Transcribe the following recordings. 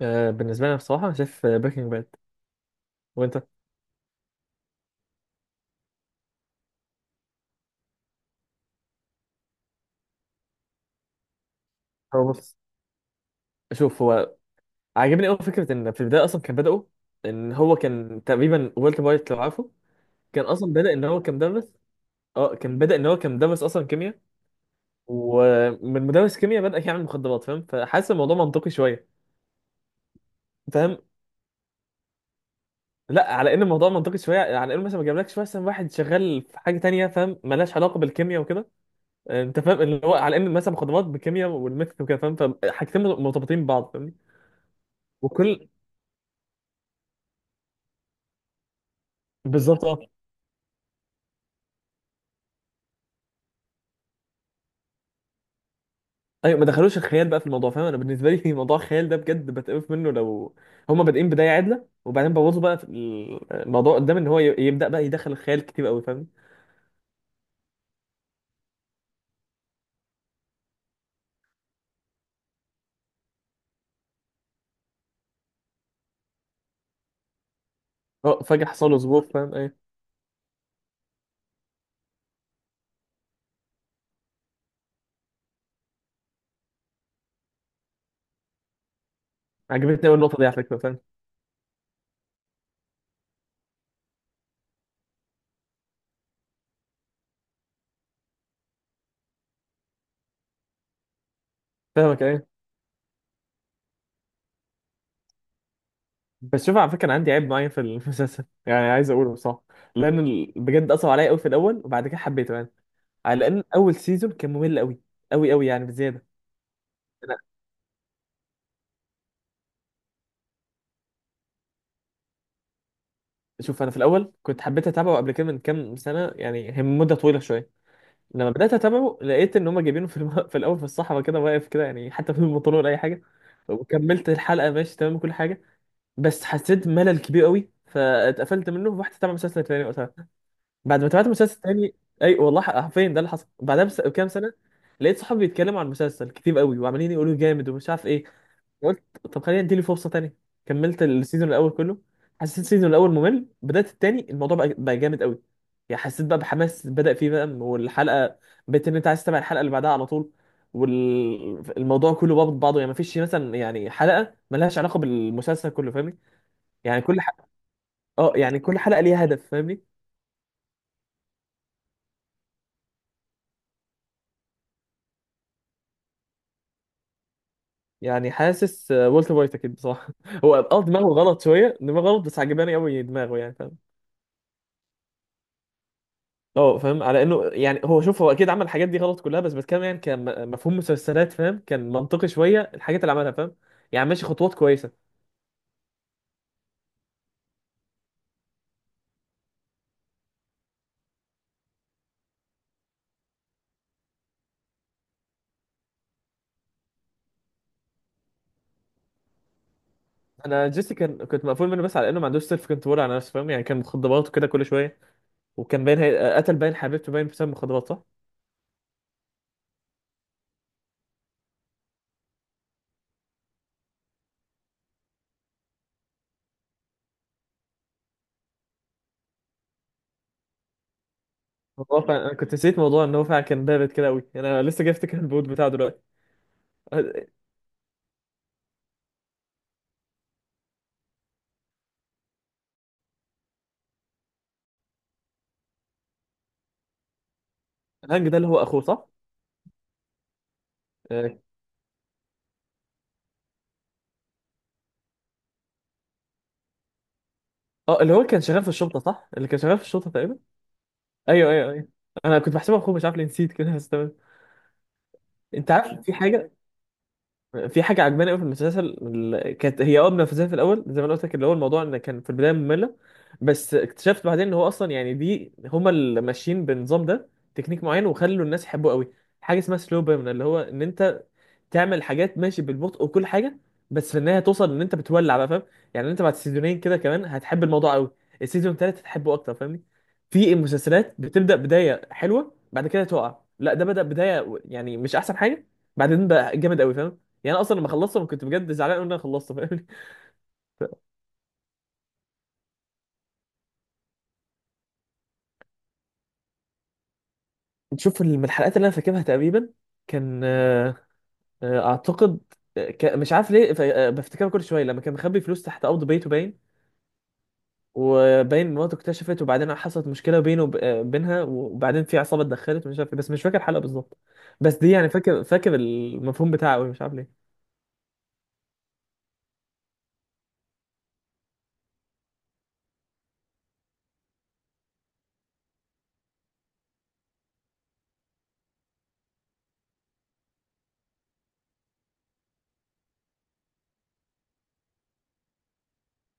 بالنسبة لي أنا بصراحة شايف بريكنج باد. وأنت؟ هو بص شوف هو عاجبني أوي فكرة إن في البداية أصلا كان بدأوا، إن هو كان تقريبا والتر وايت لو عارفه. كان أصلا بدأ إن هو كمدرس. أه كان بدأ إن هو كمدرس أصلا كيمياء. ومن مدرس كيمياء بدأ يعمل مخدرات، فاهم؟ فحاسس الموضوع منطقي شوية. فاهم؟ لا، على إن الموضوع منطقي شوية، على إنه مثلا ما جابلكش مثلا واحد شغال في حاجة تانية فاهم، ملهاش علاقة بالكيمياء وكده. أنت فاهم اللي هو، على إن مثلا مخدرات بالكيمياء والميث وكده فاهم، فحاجتين مرتبطين ببعض، فاهمني؟ وكل. بالظبط، اه. ايوه، ما دخلوش الخيال بقى في الموضوع، فاهم؟ انا بالنسبه لي موضوع الخيال ده بجد بتقف منه، لو هما بادئين بدايه عادله وبعدين بوظوا بقى في الموضوع قدام، ان هو يبدا بقى يدخل الخيال كتير قوي، فاهم؟ اه، فجاه حصل له ظروف، فاهم ايه. عجبتني قوي النقطه دي على فكره، فاهم. فاهمك ايه. بس شوف على فكره، انا عندي عيب معين في المسلسل يعني، عايز اقوله بصراحه. لان بجد اثر عليا قوي في الاول وبعد كده حبيته يعني، على ان اول سيزون كان ممل قوي، قوي يعني بزياده. أنا- شوف انا في الاول كنت حبيت اتابعه قبل كده من كام سنه، يعني هي مده طويله شويه. لما بدات اتابعه لقيت ان هم جايبينه في في الاول في الصحراء كده واقف كده، يعني حتى بدون بنطلون ولا اي حاجه. وكملت الحلقه ماشي تمام كل حاجه، بس حسيت ملل كبير قوي فاتقفلت منه ورحت اتابع مسلسل تاني وقتها. بعد ما تابعت مسلسل تاني، اي والله حرفيا ده اللي حصل بعدها بكام سنه، لقيت صحابي بيتكلموا عن المسلسل كتير قوي وعمالين يقولوا جامد ومش عارف ايه. قلت طب خلينا اديله فرصه تانية. كملت السيزون الاول كله. حسيت السيزون الاول ممل، بدات التاني الموضوع بقى جامد قوي. يعني حسيت بقى بحماس بدا فيه بقى، والحلقه بقيت ان انت عايز تتابع الحلقه اللي بعدها على طول. والموضوع كله بابط بعضه، يعني مفيش مثلا يعني حلقه ملهاش علاقه بالمسلسل كله، فاهمني؟ يعني اه يعني كل حلقه ليها هدف، فاهمني؟ يعني حاسس، والتر وايت اكيد بصراحه. هو اه دماغه غلط شويه، دماغه غلط، بس عجباني قوي دماغه يعني، فاهم؟ اه، فاهم على انه يعني هو، شوف هو اكيد عمل الحاجات دي غلط كلها، بس بتكلم يعني كان مفهوم مسلسلات فاهم، كان منطقي شويه الحاجات اللي عملها، فاهم؟ يعني ماشي خطوات كويسه. انا جيسي كان كنت مقفول منه، بس على انه ما عندوش سيلف كنترول على نفسه فاهم، يعني كان مخدرات وكده كل شويه. وكان باين قتل باين حبيبته باين بسبب مخدرات صح؟ هو فعلا انا كنت نسيت موضوع ان هو فعلا كان بارد كده قوي، انا لسه جاي افتكر البوت بتاعه دلوقتي. الهانج ده اللي هو اخوه صح؟ اه. اللي هو كان شغال في الشرطه صح؟ اللي كان شغال في الشرطه تقريبا. ايوه، ايوه، ايوه. انا كنت بحسبه اخوه، مش عارف ليه نسيت كده، بس تمام. انت عارف في حاجه، في حاجه عجباني قوي في المسلسل. كانت هي اه منافسه في الاول زي ما انا قلت لك، اللي هو الموضوع ان كان في البدايه ممله. بس اكتشفت بعدين ان هو اصلا يعني دي هما اللي ماشيين بالنظام ده، تكنيك معين وخلوا الناس يحبوه قوي. حاجه اسمها سلو بيرن، اللي هو ان انت تعمل حاجات ماشي بالبطء وكل حاجه، بس في النهايه توصل ان انت بتولع بقى، فاهم؟ يعني انت بعد سيزونين كده كمان هتحب الموضوع قوي، السيزون التالت هتحبه اكتر، فاهمني؟ في مسلسلات بتبدا بدايه حلوه بعد كده تقع، لا ده بدا بدايه يعني مش احسن حاجه، بعدين بقى جامد قوي، فاهم؟ يعني انا اصلا لما خلصته انا كنت بجد زعلان أوي ان انا خلصته، فاهمني؟ تشوف من الحلقات اللي انا فاكرها تقريبا، كان آه، آه، اعتقد آه، ك- مش عارف ليه ف- آه، بفتكرها كل شويه، لما كان مخبي فلوس تحت ارض بيته باين، وباين مراته اكتشفت، وبعدين حصلت مشكله بينه بينها، وبعدين في عصابه اتدخلت مش عارف إيه، بس مش فاكر الحلقه بالظبط. بس دي يعني فاكر، فاكر المفهوم بتاعه أوي، مش عارف ليه.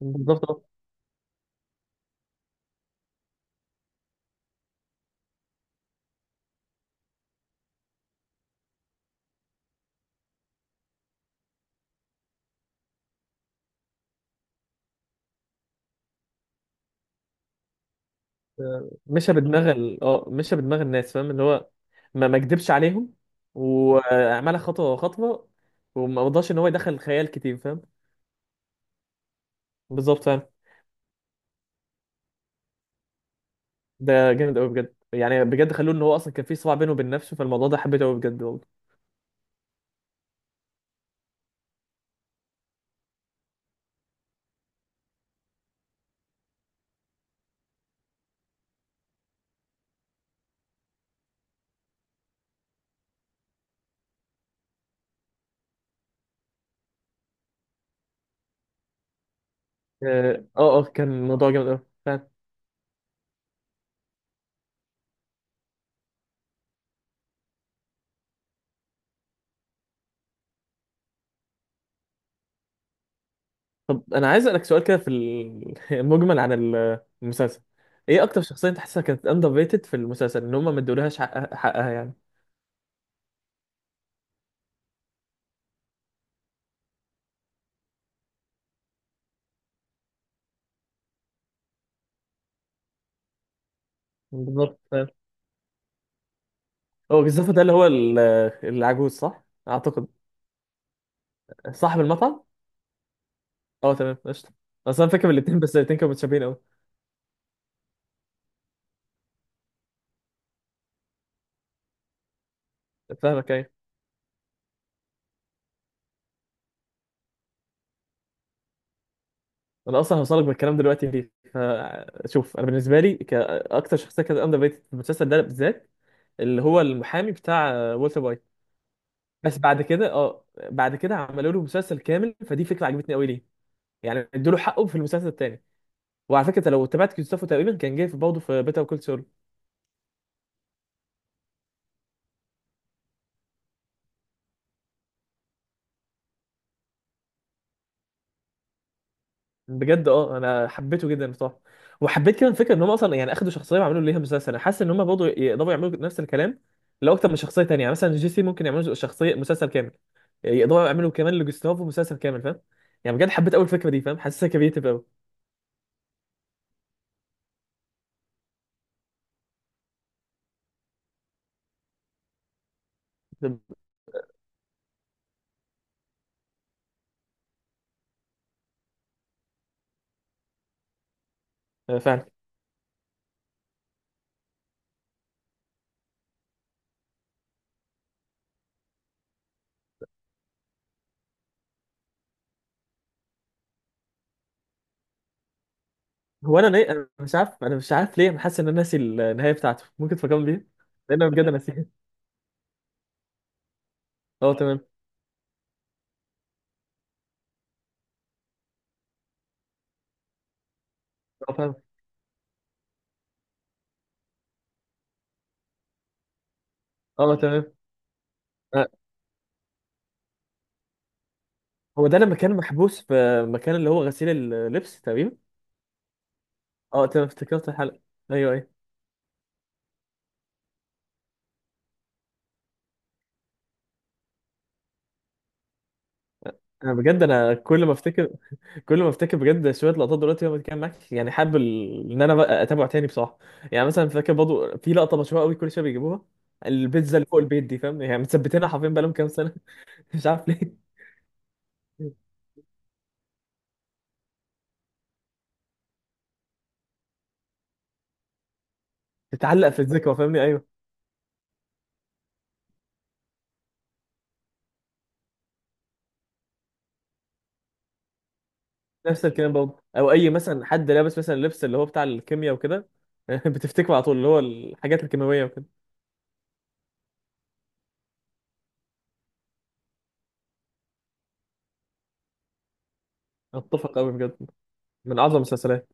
بالظبط، مشى بدماغ اه مشى بدماغ الناس فاهم، اللي هو ما ما كدبش عليهم، وعملها خطوه خطوه، وما رضاش ان هو يدخل خيال كتير، فاهم؟ بالظبط، فاهم. ده جامد قوي بجد يعني، بجد خلوه ان هو اصلا كان في صراع بينه وبين نفسه، فالموضوع ده حبيته قوي بجد والله. اه اه، كان الموضوع جامد قوي، فاهم. طب انا عايز اسالك سؤال كده في المجمل عن المسلسل. ايه اكتر شخصيه انت حاسسها كانت اندر ريتد في المسلسل، ان هم ما ادولهاش حقها، حقها يعني. بالظبط. هو جزافة ده اللي هو العجوز صح؟ اعتقد. صاحب المطعم؟ اه تمام، قشطة. اصل انا فاكر الاتنين، بس الاتنين كانوا متشابهين قوي. فاهمك ايه. انا اصلا هوصلك بالكلام دلوقتي ليه، فشوف انا بالنسبه لي كاكتر شخصيه كانت اندر ريتد في المسلسل ده بالذات، اللي هو المحامي بتاع والتر وايت. بس بعد كده، اه بعد كده عملوا له مسلسل كامل، فدي فكره عجبتني قوي ليه، يعني ادوا له حقه في المسلسل الثاني. وعلى فكره أنت لو تابعت جوستافو تقريبا كان جاي في برضه في بيتر كول. بجد اه انا حبيته جدا بصراحه. وحبيت كمان الفكره ان هم اصلا يعني اخدوا شخصيه وعملوا ليها مسلسل، انا حاسس ان هم برضه يقدروا يعملوا نفس الكلام لو اكتر من شخصيه تانية، يعني مثلا جيسي ممكن يعملوا شخصيه مسلسل كامل، يقدروا يعملوا كمان لجوستافو مسلسل كامل، فاهم؟ يعني بجد حبيت اول فكره دي فاهم، حاسسها كريتيف قوي. فعلا. هو انا انا مش عارف، انا مش عارف ليه انا حاسس ان انا ناسي النهايه بتاعته، ممكن تفكرني بيها؟ لان انا بجد ناسيها. اه تمام. اه فاهم. اه تمام. آه، هو ده لما كان محبوس في مكان اللي هو غسيل اللبس تقريبا. اه تمام، افتكرت الحلقه. ايوه، ايوه. انا بجد انا كل ما افتكر، كل ما افتكر بجد شويه لقطات دلوقتي وأنا بتكلم معاك، يعني حابب ان انا بقى اتابعه تاني بصراحه. يعني مثلا فاكر برضه في لقطه مشهوره قوي كل شويه بيجيبوها، البيتزا اللي فوق البيت دي فاهم، يعني مثبتينها حرفيا بقالهم كام سنه. مش عارف ليه. تتعلق في الذكرى، فاهمني؟ ايوه، نفس الكلام برضه. او اي مثلا حد لابس مثلا لبس اللي هو بتاع الكيمياء وكده بتفتكره على طول، اللي هو الحاجات الكيماويه وكده. اتفق قوي بجد، من اعظم المسلسلات.